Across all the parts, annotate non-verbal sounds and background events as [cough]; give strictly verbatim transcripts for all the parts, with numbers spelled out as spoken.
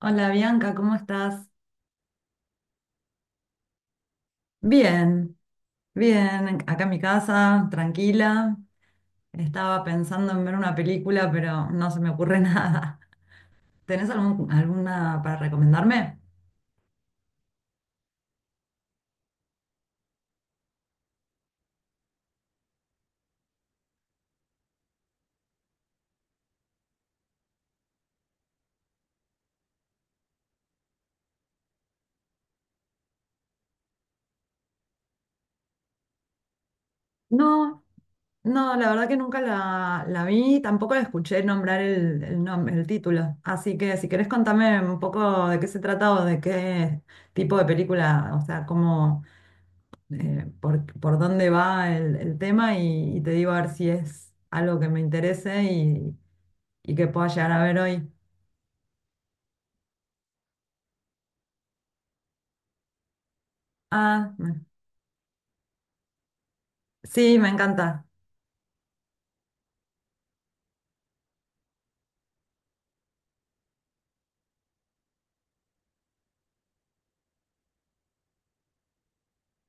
Hola Bianca, ¿cómo estás? Bien, bien, acá en mi casa, tranquila. Estaba pensando en ver una película, pero no se me ocurre [laughs] nada. ¿Tenés algún- alguna para recomendarme? No, no, la verdad que nunca la, la vi, tampoco la escuché nombrar el, el nom- el título. Así que si querés contame un poco de qué se trata o de qué tipo de película, o sea, cómo, eh, por, por dónde va el, el tema y, y te digo a ver si es algo que me interese y que pueda llegar a ver hoy. Ah, me- sí, me encanta.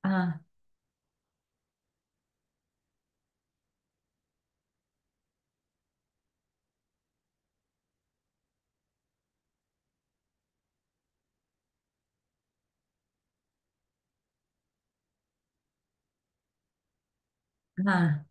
Ah, ah,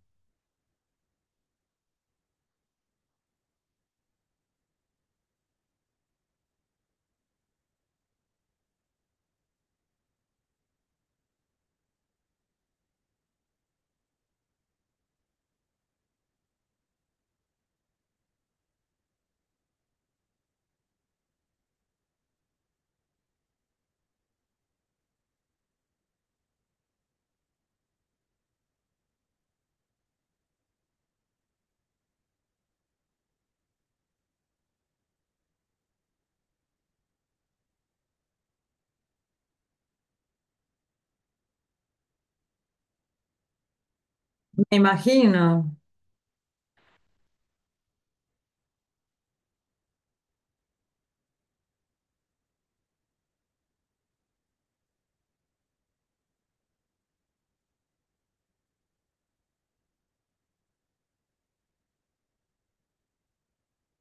me imagino.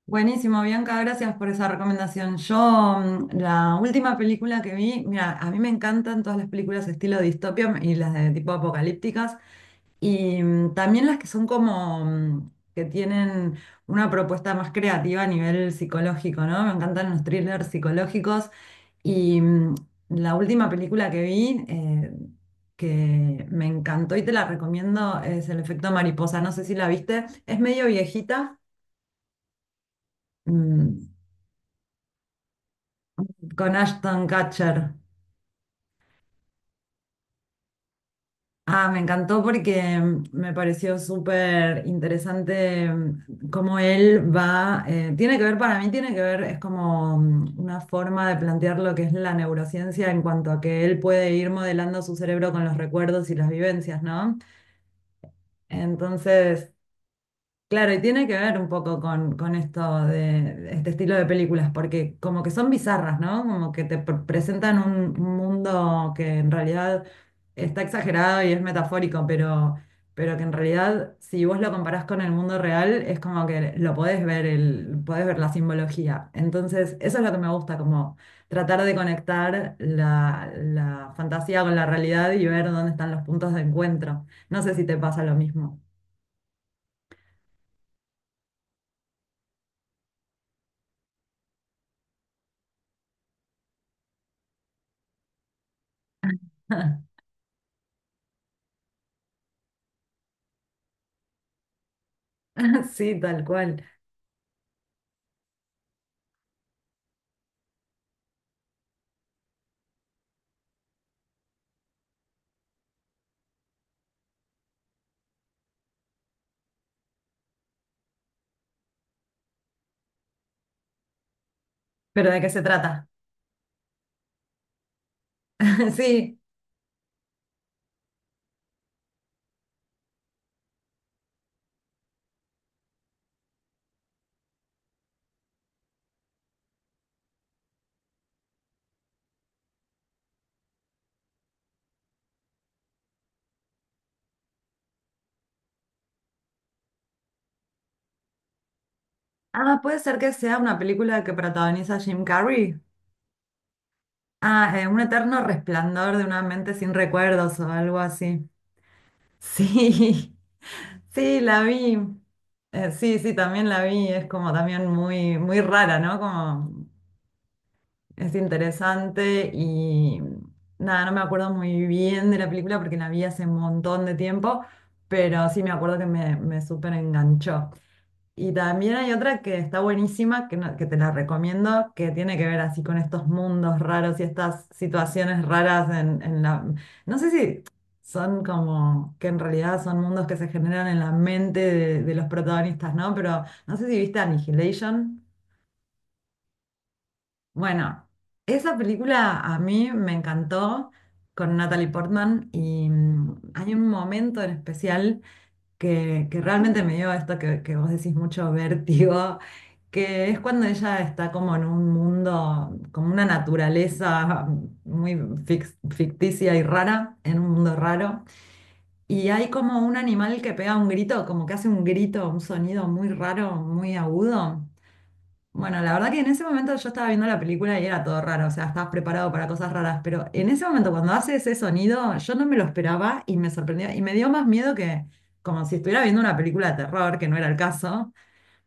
Buenísimo, Bianca, gracias por esa recomendación. Yo, mm, la última película que vi, mira, a mí me encantan todas las películas estilo distopia y las de tipo apocalípticas. Y mm, también las que son como mm, que tienen una propuesta más creativa a nivel psicológico, ¿no? Me encantan los thrillers psicológicos. Y mm, la última película que vi, eh, que me encantó y te la recomiendo, es El efecto mariposa. No sé si la viste. Es medio viejita, mm, con Ashton Kutcher. Ah, me encantó porque mm, me pareció súper interesante mm, cómo él va, eh, tiene que ver, para mí tiene que ver, es como mm, una forma de plantear lo que es la neurociencia en cuanto a que él puede ir modelando su cerebro con los recuerdos y las vivencias, ¿no? Entonces. Claro, y tiene que ver un poco con, con esto de, de este estilo de películas, porque como que son bizarras, ¿no? Como que te pre- presentan un un mundo que en realidad está exagerado y es metafórico, pero, pero que en realidad si vos lo comparás con el mundo real, es como que lo podés ver, el, podés ver la simbología. Entonces, eso es lo que me gusta, como tratar de conectar la, la fantasía con la realidad y ver dónde están los puntos de encuentro. No sé si te pasa lo mismo. [laughs] Sí, tal cual. ¿Pero de qué se trata? [laughs] Sí. Ah, puede ser que sea una película que protagoniza Jim Carrey. Ah, eh, Un eterno resplandor de una mente sin recuerdos o algo así. Sí, [laughs] sí, la vi. Eh, sí, sí, también la vi. Es como también muy, muy rara, ¿no? Como es interesante y nada, no me acuerdo muy bien de la película porque la vi hace un montón de tiempo, pero sí me acuerdo que me, me súper enganchó. Y también hay otra que está buenísima, que, no- que te la recomiendo, que tiene que ver así con estos mundos raros y estas situaciones raras en, en la. No sé si son como, que en realidad son mundos que se generan en la mente de, de los protagonistas, ¿no? Pero no sé si viste Annihilation. Bueno, esa película a mí me encantó con Natalie Portman y mm, hay un momento en especial que, que realmente me dio esto que, que vos decís mucho [laughs] vértigo, que es cuando ella está como en un mundo, como una naturaleza muy fix- ficticia y rara, en un mundo raro, y hay como un animal que pega un grito, como que hace un grito, un sonido muy raro, muy agudo. Bueno, la verdad que en ese momento yo estaba viendo la película y era todo raro, o sea, estabas preparado para cosas raras, pero en ese momento cuando hace ese sonido, yo no me lo esperaba y me sorprendió y me dio más miedo que como si estuviera viendo una película de terror, que no era el caso,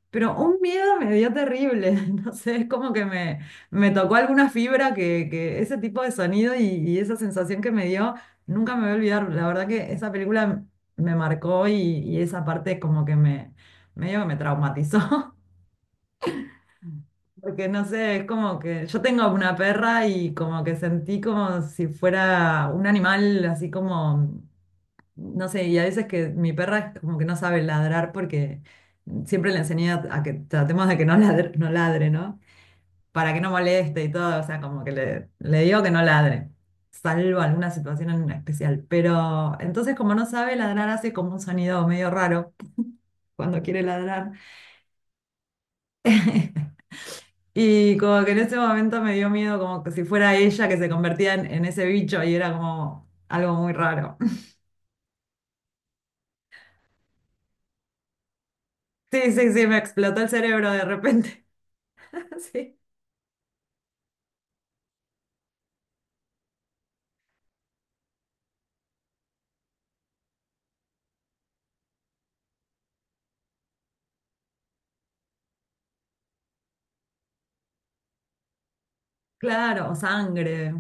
pero un miedo me dio terrible, [laughs] no sé, es como que me, me tocó alguna fibra que, que ese tipo de sonido y, y esa sensación que me dio, nunca me voy a olvidar, la verdad que esa película me marcó y, y esa parte como que me, medio que me traumatizó. [laughs] Porque no sé, es como que yo tengo una perra y como que sentí como si fuera un animal así como, no sé, y a veces que mi perra es como que no sabe ladrar porque siempre le enseñé a, a que tratemos de que no ladre, no ladre, ¿no? Para que no moleste y todo, o sea, como que le, le digo que no ladre, salvo alguna situación en especial. Pero entonces como no sabe ladrar, hace como un sonido medio raro cuando quiere ladrar. [laughs] Y como que en ese momento me dio miedo, como que si fuera ella que se convertía en, en ese bicho y era como algo muy raro. [laughs] Sí, sí, sí, me explotó el cerebro de repente. [laughs] Sí, claro, o sangre.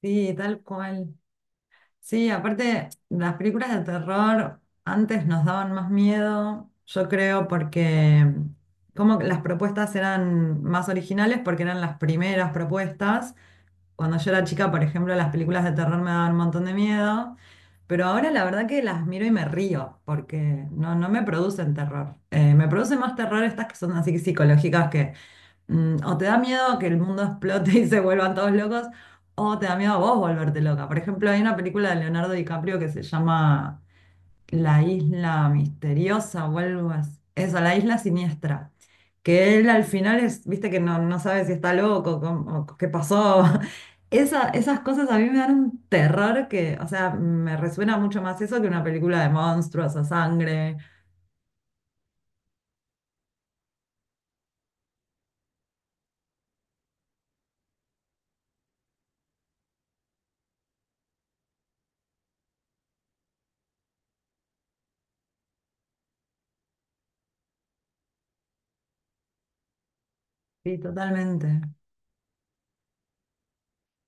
Sí, tal cual. Sí, aparte, las películas de terror antes nos daban más miedo, yo creo, porque como que las propuestas eran más originales, porque eran las primeras propuestas. Cuando yo era chica, por ejemplo, las películas de terror me daban un montón de miedo, pero ahora la verdad que las miro y me río, porque no, no me producen terror. Eh, me producen más terror estas que son así psicológicas que mm, o te da miedo que el mundo explote [laughs] y se vuelvan todos locos, o te da miedo a vos volverte loca. Por ejemplo, hay una película de Leonardo DiCaprio que se llama la isla misteriosa o algo así. Eso, la isla siniestra. Que él al final es, viste que no, no sabe si está loco cómo- o qué pasó. [laughs] Esa- esas cosas a mí me dan un terror que, o sea, me resuena mucho más eso que una película de monstruos o sangre. Sí, totalmente.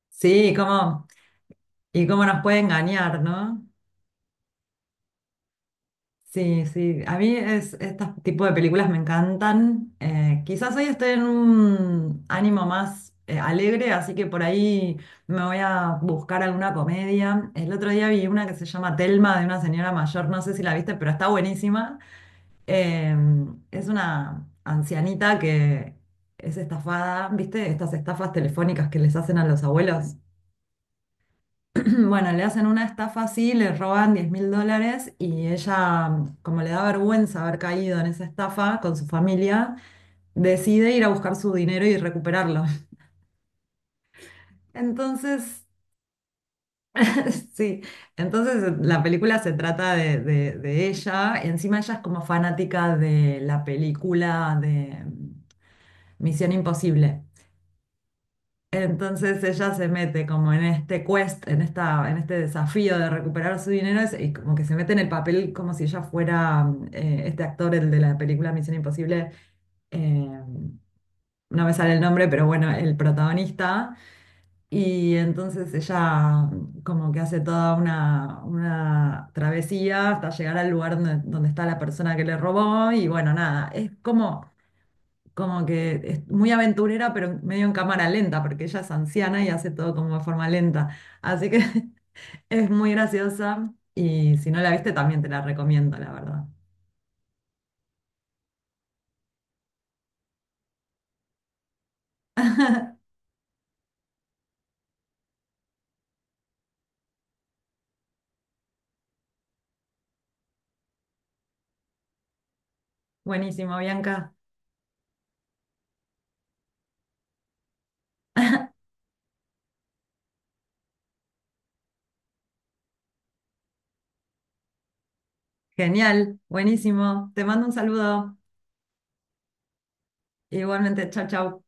Sí, cómo, y cómo nos puede engañar, ¿no? Sí, sí, a mí es, este tipo de películas me encantan. Eh, quizás hoy estoy en un ánimo más eh, alegre, así que por ahí me voy a buscar alguna comedia. El otro día vi una que se llama Telma de una señora mayor, no sé si la viste, pero está buenísima. Eh, es una ancianita que es estafada, ¿viste? Estas estafas telefónicas que les hacen a los abuelos. [clears throat] Bueno, le hacen una estafa así, le roban diez mil dólares y ella, como le da vergüenza haber caído en esa estafa con su familia, decide ir a buscar su dinero y recuperarlo. [laughs] Entonces, [laughs] sí, entonces la película se trata de, de- de ella. Encima ella es como fanática de la película de Misión Imposible. Entonces ella se mete como en este quest, en esta, en este desafío de recuperar su dinero es- y como que se mete en el papel como si ella fuera mm, eh, este actor, el de la película Misión Imposible, eh, no me sale el nombre, pero bueno, el protagonista. Y entonces ella mm, como que hace toda una, una travesía hasta llegar al lugar donde, donde está la persona que le robó y bueno, nada, es como como que es muy aventurera, pero medio en cámara lenta, porque ella es anciana y hace todo como de forma lenta. Así que [laughs] es muy graciosa y si no la viste también te la recomiendo, la verdad. Buenísimo, Bianca. Genial, buenísimo. Te mando un saludo. Igualmente, chao, chao.